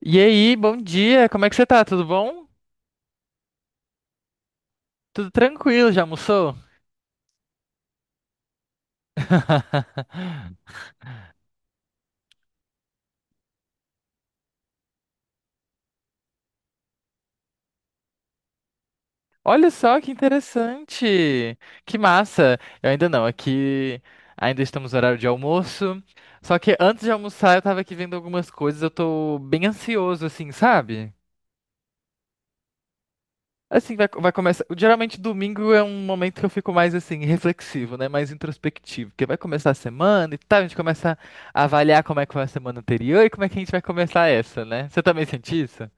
E aí, bom dia, como é que você tá? Tudo bom? Tudo tranquilo, já almoçou? Olha só que interessante! Que massa! Eu ainda não, aqui ainda estamos no horário de almoço. Só que antes de almoçar, eu tava aqui vendo algumas coisas, eu tô bem ansioso, assim, sabe? Assim, vai começar. Geralmente, domingo é um momento que eu fico mais, assim, reflexivo, né? Mais introspectivo. Porque vai começar a semana e tal, a gente começa a avaliar como é que foi a semana anterior e como é que a gente vai começar essa, né? Você também sente isso?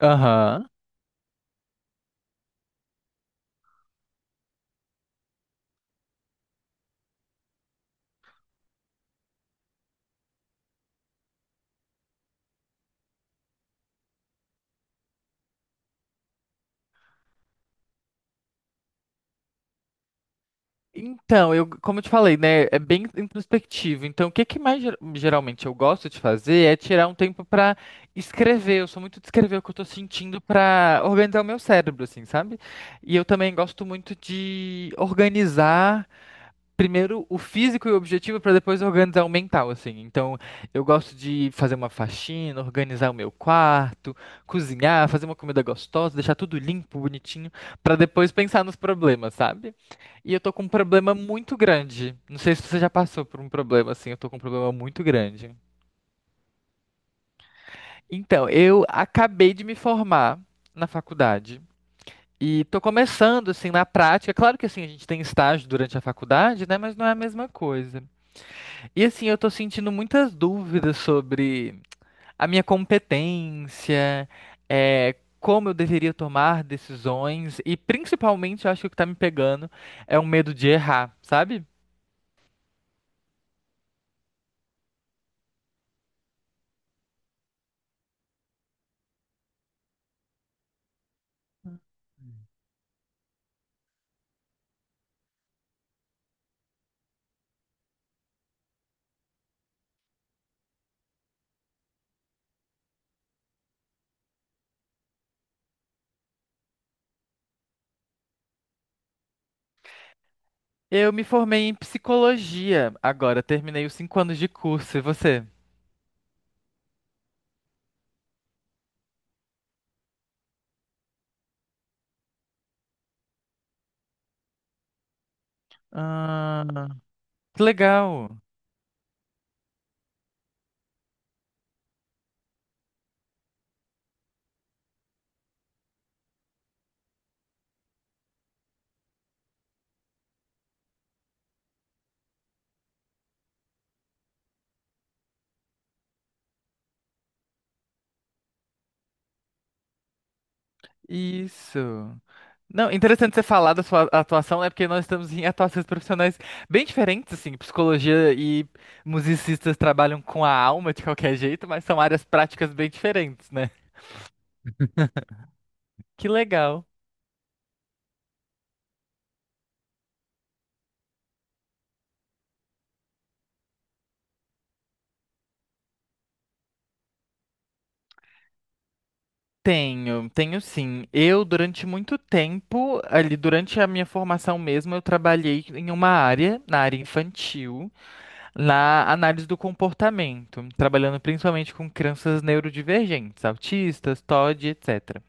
Aham. Então, como eu te falei, né, é bem introspectivo. Então, o que que mais geralmente eu gosto de fazer é tirar um tempo pra escrever. Eu sou muito de escrever o que eu tô sentindo pra organizar o meu cérebro, assim, sabe? E eu também gosto muito de organizar primeiro o físico e o objetivo para depois organizar o mental, assim. Então, eu gosto de fazer uma faxina, organizar o meu quarto, cozinhar, fazer uma comida gostosa, deixar tudo limpo, bonitinho, para depois pensar nos problemas, sabe? E eu tô com um problema muito grande. Não sei se você já passou por um problema assim, eu tô com um problema muito grande. Então, eu acabei de me formar na faculdade. E tô começando assim na prática. Claro que assim a gente tem estágio durante a faculdade, né, mas não é a mesma coisa. E assim, eu tô sentindo muitas dúvidas sobre a minha competência, é, como eu deveria tomar decisões, e principalmente, eu acho que o que tá me pegando é o medo de errar, sabe? Eu me formei em psicologia agora, terminei os 5 anos de curso, e você? Ah, que legal. Isso. Não, interessante você falar da sua atuação, né? Porque nós estamos em atuações profissionais bem diferentes, assim. Psicologia e musicistas trabalham com a alma de qualquer jeito, mas são áreas práticas bem diferentes, né? Que legal. Tenho, tenho sim. Eu, durante muito tempo, ali, durante a minha formação mesmo, eu trabalhei em uma área, na área infantil, na análise do comportamento, trabalhando principalmente com crianças neurodivergentes, autistas, TOD, etc.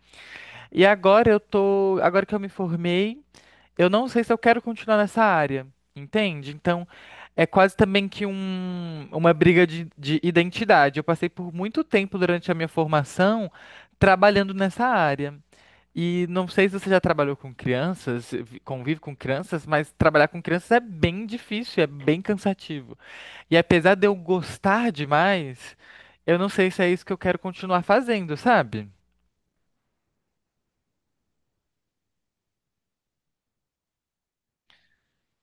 E agora que eu me formei, eu não sei se eu quero continuar nessa área, entende? Então, é quase também que uma briga de identidade. Eu passei por muito tempo durante a minha formação trabalhando nessa área. E não sei se você já trabalhou com crianças, convive com crianças, mas trabalhar com crianças é bem difícil, é bem cansativo. E apesar de eu gostar demais, eu não sei se é isso que eu quero continuar fazendo, sabe?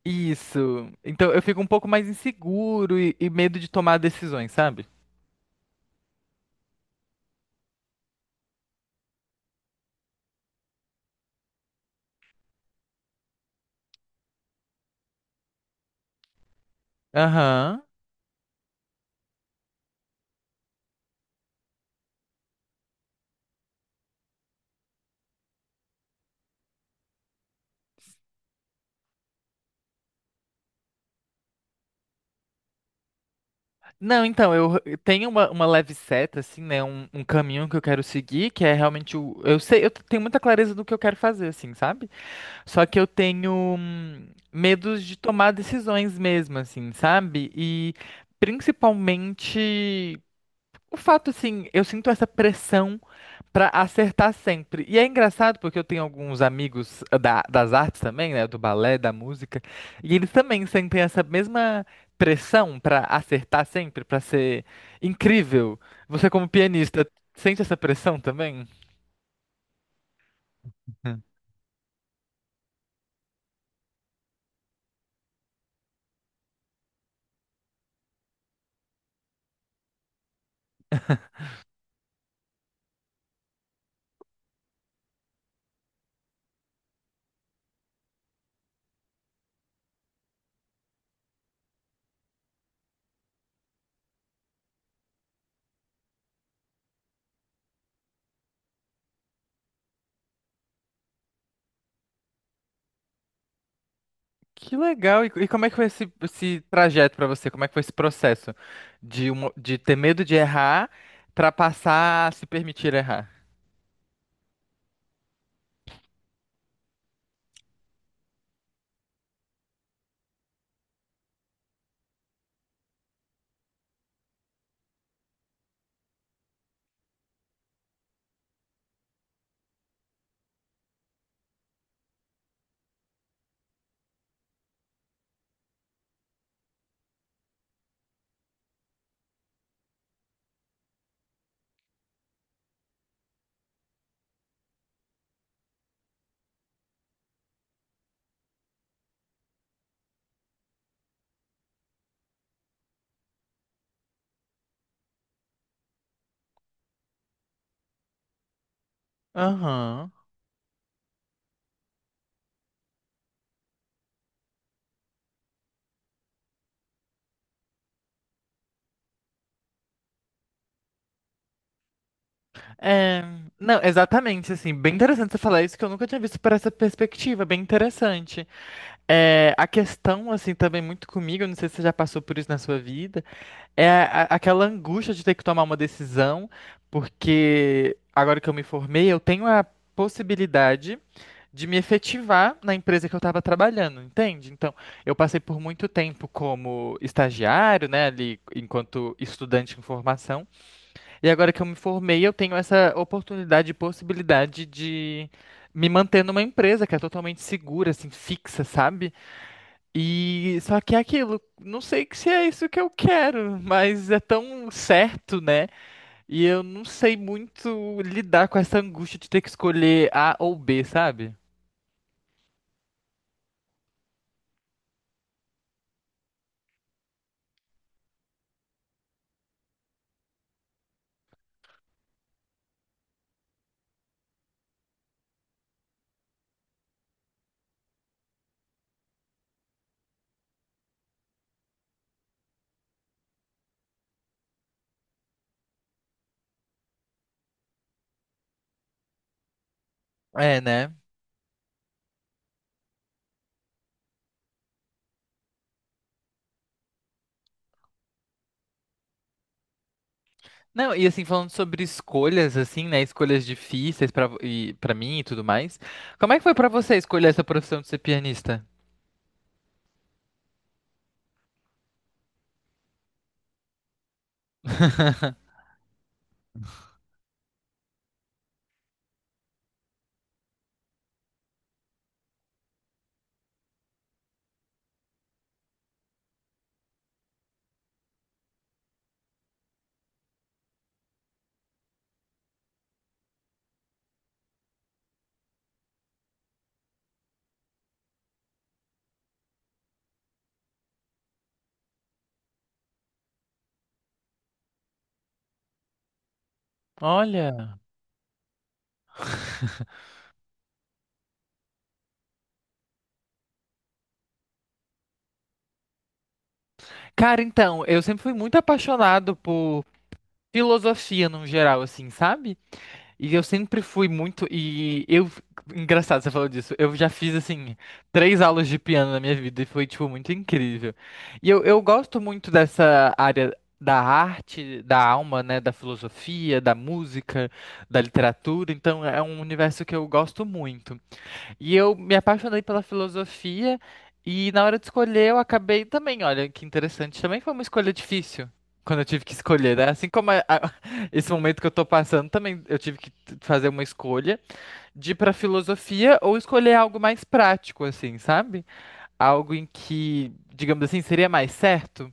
Isso. Então eu fico um pouco mais inseguro e medo de tomar decisões, sabe? Aham. Não, então, eu tenho uma leve seta, assim, né? Um caminho que eu quero seguir, que é realmente o. Eu sei, eu tenho muita clareza do que eu quero fazer, assim, sabe? Só que eu tenho medos de tomar decisões mesmo, assim, sabe? E principalmente o fato, assim, eu sinto essa pressão. Pra acertar sempre. E é engraçado porque eu tenho alguns amigos das artes também, né? Do balé, da música. E eles também sentem essa mesma pressão pra acertar sempre, pra ser incrível. Você, como pianista, sente essa pressão também? Hum. Que legal! E como é que foi esse trajeto pra você? Como é que foi esse processo de ter medo de errar pra passar a se permitir errar? Aham. É, não, exatamente, assim, bem interessante você falar isso, que eu nunca tinha visto por essa perspectiva, bem interessante. É, a questão, assim, também muito comigo, eu não sei se você já passou por isso na sua vida, aquela angústia de ter que tomar uma decisão, porque agora que eu me formei, eu tenho a possibilidade de me efetivar na empresa que eu estava trabalhando, entende? Então, eu passei por muito tempo como estagiário, né, ali enquanto estudante em formação, e agora que eu me formei, eu tenho essa oportunidade e possibilidade de me manter numa empresa que é totalmente segura, assim, fixa, sabe? E só que é aquilo, não sei que se é isso que eu quero, mas é tão certo, né? E eu não sei muito lidar com essa angústia de ter que escolher A ou B, sabe? É, né? Não, e assim, falando sobre escolhas, assim, né? Escolhas difíceis pra mim e tudo mais. Como é que foi pra você escolher essa profissão de ser pianista? Olha. Cara, então, eu sempre fui muito apaixonado por filosofia no geral, assim, sabe? E eu sempre fui muito. E eu. Engraçado você falou disso. Eu já fiz, assim, três aulas de piano na minha vida e foi, tipo, muito incrível. E eu gosto muito dessa área da arte, da alma, né? Da filosofia, da música, da literatura. Então, é um universo que eu gosto muito. E eu me apaixonei pela filosofia e na hora de escolher eu acabei também, olha, que interessante, também foi uma escolha difícil. Quando eu tive que escolher, né? Assim como esse momento que eu tô passando, também eu tive que fazer uma escolha de ir pra filosofia ou escolher algo mais prático, assim, sabe? Algo em que, digamos assim, seria mais certo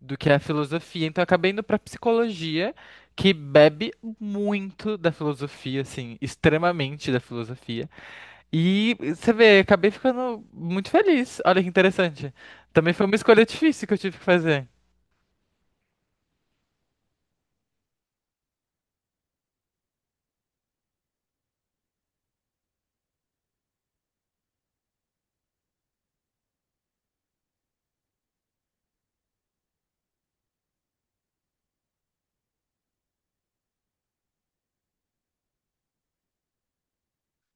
do que a filosofia. Então eu acabei indo pra psicologia, que bebe muito da filosofia, assim, extremamente da filosofia. E você vê, acabei ficando muito feliz. Olha que interessante. Também foi uma escolha difícil que eu tive que fazer.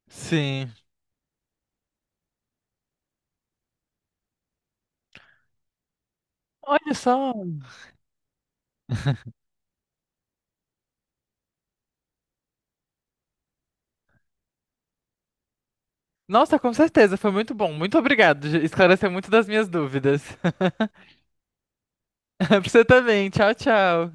Sim. Olha só. Nossa, com certeza, foi muito bom. Muito obrigado. Esclareceu muito das minhas dúvidas. Pra você também. Tchau, tchau.